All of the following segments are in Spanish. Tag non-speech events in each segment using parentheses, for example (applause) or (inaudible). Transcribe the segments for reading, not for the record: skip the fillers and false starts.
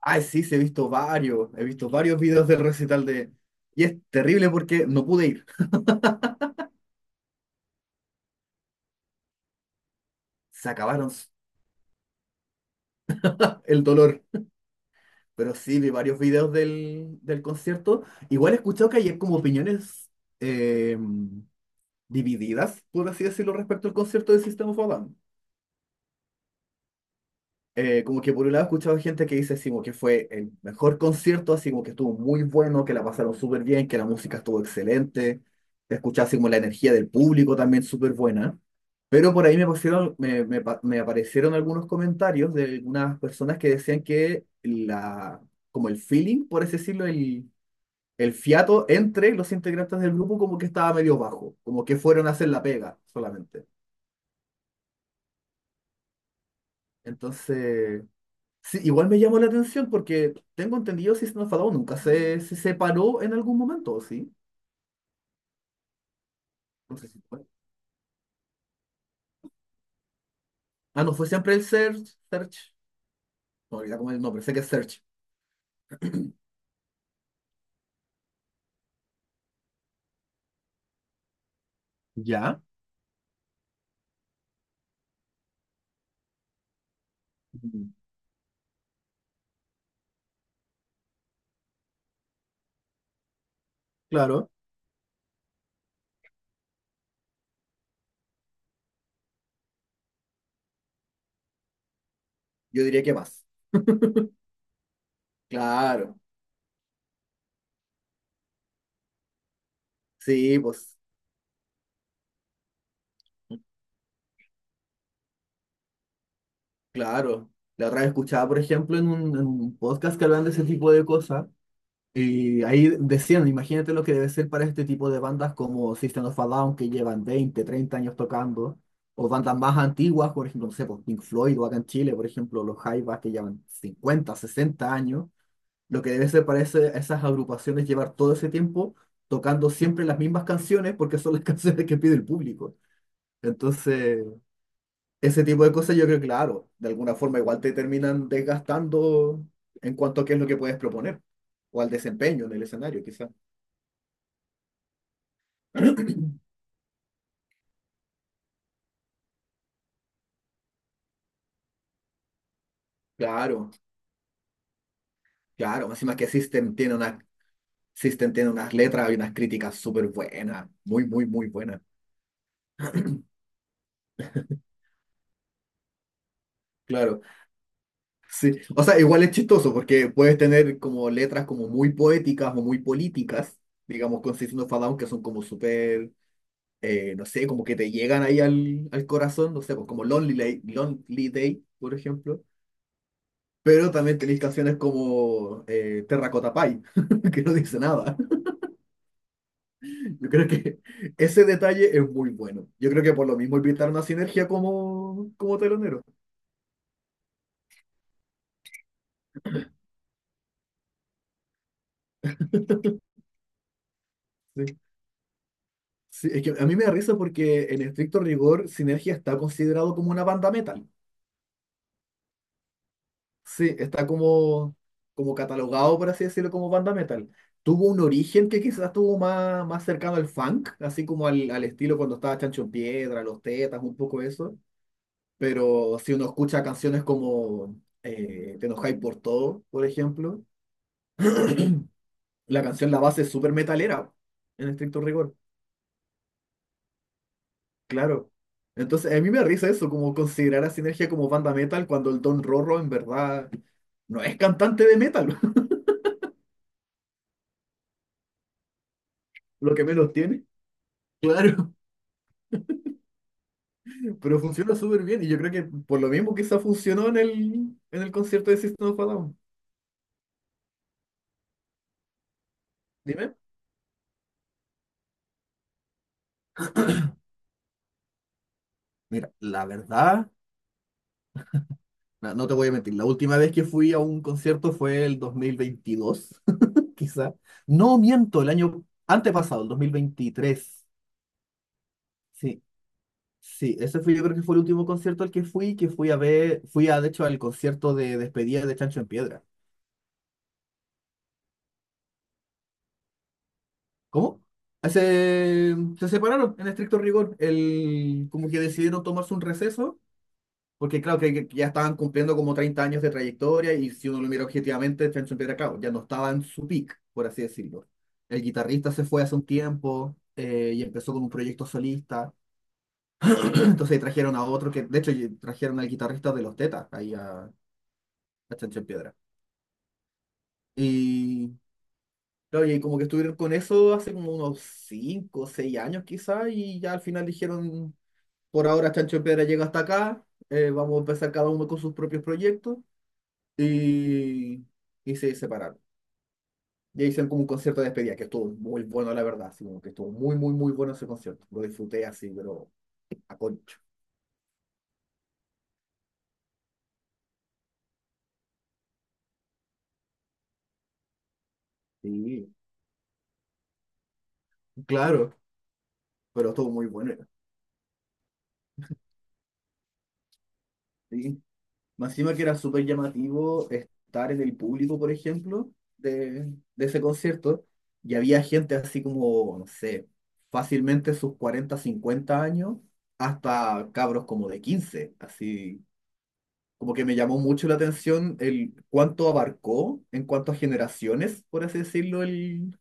Ay, sí, sí, he visto varios videos del recital de... Y es terrible porque no pude ir, se acabaron (laughs) el dolor. Pero sí, vi varios videos del concierto. Igual he escuchado que hay como opiniones eh, divididas, por así decirlo, respecto al concierto de System of a Down. Eh, como que por un lado he escuchado gente que dice así como que fue el mejor concierto, así como que estuvo muy bueno, que la pasaron súper bien, que la música estuvo excelente, te escuchaba así como la energía del público también súper buena. Pero por ahí me pusieron, me aparecieron algunos comentarios de algunas personas que decían que la, como el feeling, por así decirlo, el fiato entre los integrantes del grupo como que estaba medio bajo, como que fueron a hacer la pega solamente. Entonces... Sí, igual me llamó la atención porque tengo entendido System of a Down nunca se separó en algún momento, ¿sí? No sé si fue. Ah, no, fue siempre el Search. Search. No, olvidé cómo es el nombre, sé que es Search. Ya. Ujú. Claro. Yo diría que más. Claro. Sí, pues, claro. La otra vez escuchaba, por ejemplo, en un podcast que hablan de ese tipo de cosas. Y ahí decían, imagínate lo que debe ser para este tipo de bandas como System of a Down, que llevan 20 30 años tocando, o bandas más antiguas, por ejemplo, no sé, por Pink Floyd o acá en Chile, por ejemplo, los Jaivas que llevan 50 60 años, lo que debe ser para esas agrupaciones llevar todo ese tiempo tocando siempre las mismas canciones porque son las (laughs) canciones que pide el público. Entonces, ese tipo de cosas yo creo que, claro, de alguna forma igual te terminan desgastando en cuanto a qué es lo que puedes proponer o al desempeño en el escenario, quizás. (clears throat) Claro, claro. Encima que System tiene una, System tiene unas letras y unas críticas súper buenas. Muy, muy, muy buenas. Claro, sí. O sea, igual es chistoso porque puedes tener como letras como muy poéticas o muy políticas, digamos, con System of a Down, que son como súper, no sé, como que te llegan ahí al corazón, no sé, pues como Lonely Day, Lonely Day, por ejemplo. Pero también tenéis canciones como Terracotta Pie, (laughs) que no dice nada. Yo creo que (laughs) ese detalle es muy bueno. Yo creo que por lo mismo invitaron a Sinergia como telonero. Sí. Sí, es que a mí me da risa porque en estricto rigor Sinergia está considerado como una banda metal. Sí, está como, como catalogado, por así decirlo, como banda metal. Tuvo un origen que quizás tuvo más, más cercano al funk, así como al estilo cuando estaba Chancho en Piedra, Los Tetas, un poco eso. Pero si uno escucha canciones como Te enojáis por todo, por ejemplo. (clears throat) La canción, la base es súper metalera, en estricto rigor, claro. Entonces, a mí me da risa eso, como considerar a Sinergia como banda metal cuando el Don Rorro en verdad no es cantante de metal, (laughs) lo que menos tiene. Claro. Pero funciona súper bien y yo creo que por lo mismo quizá funcionó en el concierto de System of a Down. Dime. Mira, la verdad, no, no te voy a mentir, la última vez que fui a un concierto fue el 2022 (laughs) quizá. No miento, el año antepasado, el 2023. Sí. Sí, ese fue, yo creo que fue el último concierto al que fui a ver, fui a, de hecho, al concierto de despedida de Chancho en Piedra. ¿Cómo? Se separaron en estricto rigor, el, como que decidieron tomarse un receso, porque claro que ya estaban cumpliendo como 30 años de trayectoria y si uno lo mira objetivamente, Chancho en Piedra, claro, ya no estaba en su peak, por así decirlo. El guitarrista se fue hace un tiempo y empezó con un proyecto solista. (clears throat) Entonces trajeron a otro que, de hecho, trajeron al guitarrista de Los Tetas ahí a Chancho en Piedra. Y claro, y como que estuvieron con eso hace como unos 5 o 6 años quizás, y ya al final dijeron, por ahora Chancho en Piedra llega hasta acá, vamos a empezar cada uno con sus propios proyectos, y, y se separaron. Y ahí hicieron como un concierto de despedida, que estuvo muy bueno, la verdad, así como que estuvo muy, muy, muy bueno ese concierto. Lo disfruté así, pero a concho. Sí, claro, pero estuvo muy bueno. Sí. Más encima que era súper llamativo estar en el público, por ejemplo, de ese concierto, y había gente así como, no sé, fácilmente sus 40 50 años, hasta cabros como de 15 así. Como que me llamó mucho la atención el cuánto abarcó en cuanto a generaciones, por así decirlo, el,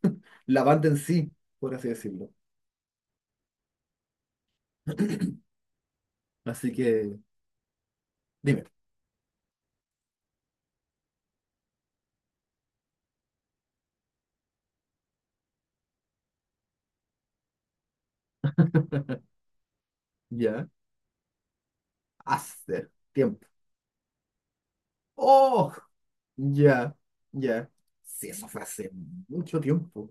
la banda en sí, por así decirlo. (clears throat) Así que, dime, ya, hace tiempo. ¡Oh! Ya, ya. Sí, eso fue hace mucho tiempo.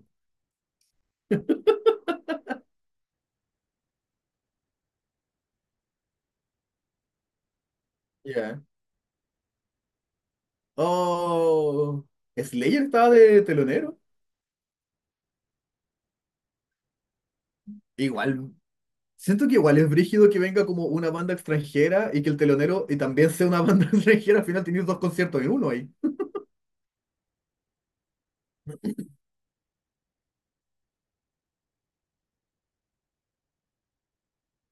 Ya. Oh, Slayer estaba de telonero. Igual, siento que igual es brígido que venga como una banda extranjera y que el telonero y también sea una banda (laughs) extranjera. Al final tienes dos conciertos en uno ahí.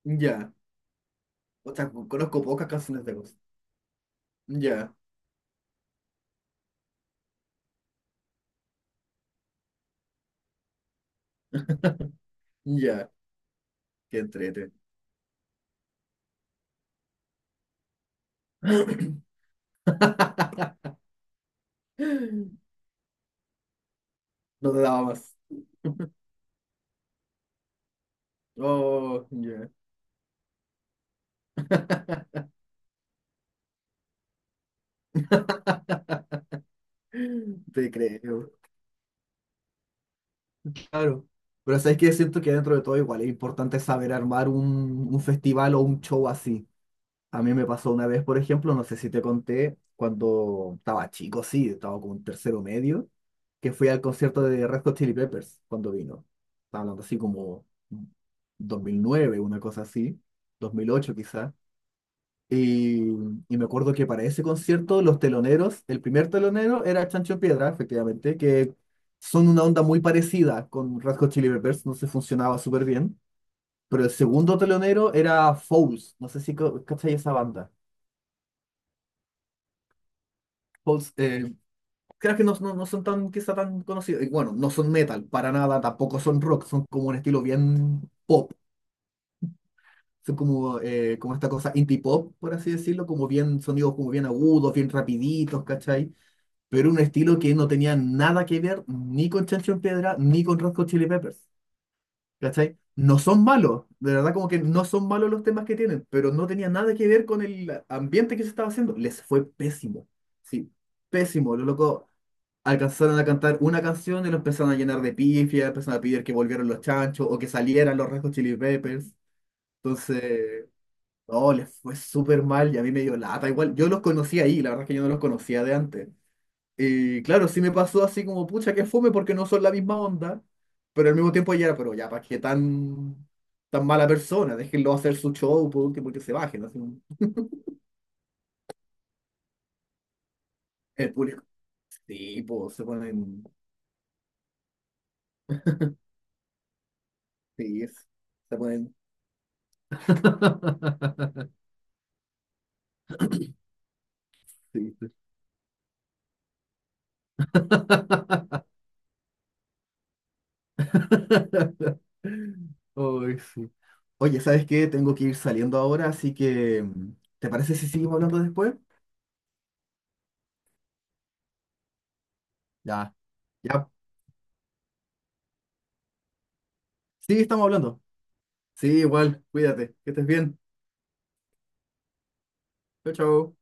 Ya. O sea, conozco pocas canciones de voz. Ya, ya. Qué entrete. (clears throat) No te daba más. Oh, ya. Te creo. Claro, pero sabes que siento que dentro de todo igual es importante saber armar un festival o un show así. A mí me pasó una vez, por ejemplo, no sé si te conté, cuando estaba chico, sí, estaba como en tercero medio, que fui al concierto de Red Hot Chili Peppers cuando vino. Estaba hablando así como 2009, una cosa así, 2008, quizás. Y, y me acuerdo que para ese concierto los teloneros, el primer telonero era Chancho Piedra, efectivamente, que son una onda muy parecida con Red Hot Chili Peppers, no se funcionaba súper bien. Pero el segundo telonero era Fouls, no sé si cachai esa banda. Fouls, creo que no, no son tan, quizá tan conocidos. Y bueno, no son metal para nada, tampoco son rock, son como un estilo bien pop. Son como, como esta cosa indie pop, por así decirlo, como bien sonidos como bien agudos, bien rapiditos, ¿cachai? Pero un estilo que no tenía nada que ver ni con Chancho en Piedra ni con Red Hot Chili Peppers. ¿Cachai? No son malos, de verdad como que no son malos los temas que tienen, pero no tenía nada que ver con el ambiente que se estaba haciendo. Les fue pésimo, sí, pésimo. Los locos alcanzaron a cantar una canción y lo empezaron a llenar de pifias, empezaron a pedir que volvieran los chanchos o que salieran los Red Hot Chili Peppers. Entonces, no, les fue súper mal y a mí me dio lata. Igual, yo los conocí ahí, la verdad es que yo no los conocía de antes. Y claro, sí me pasó así como, pucha, que fome porque no son la misma onda, pero al mismo tiempo ya era, pero ya, ¿para qué tan, tan mala persona? Déjenlo hacer su show, por último, que se bajen. Así, el público, sí, pues, se ponen, sí, se ponen, (laughs) sí, sí. (laughs) Ay, sí. Oye, ¿sabes qué? Tengo que ir saliendo ahora, así que, ¿te parece si seguimos hablando después? Ya, ya. Sí, estamos hablando. Sí, igual, cuídate, que estés bien. Chau, chau.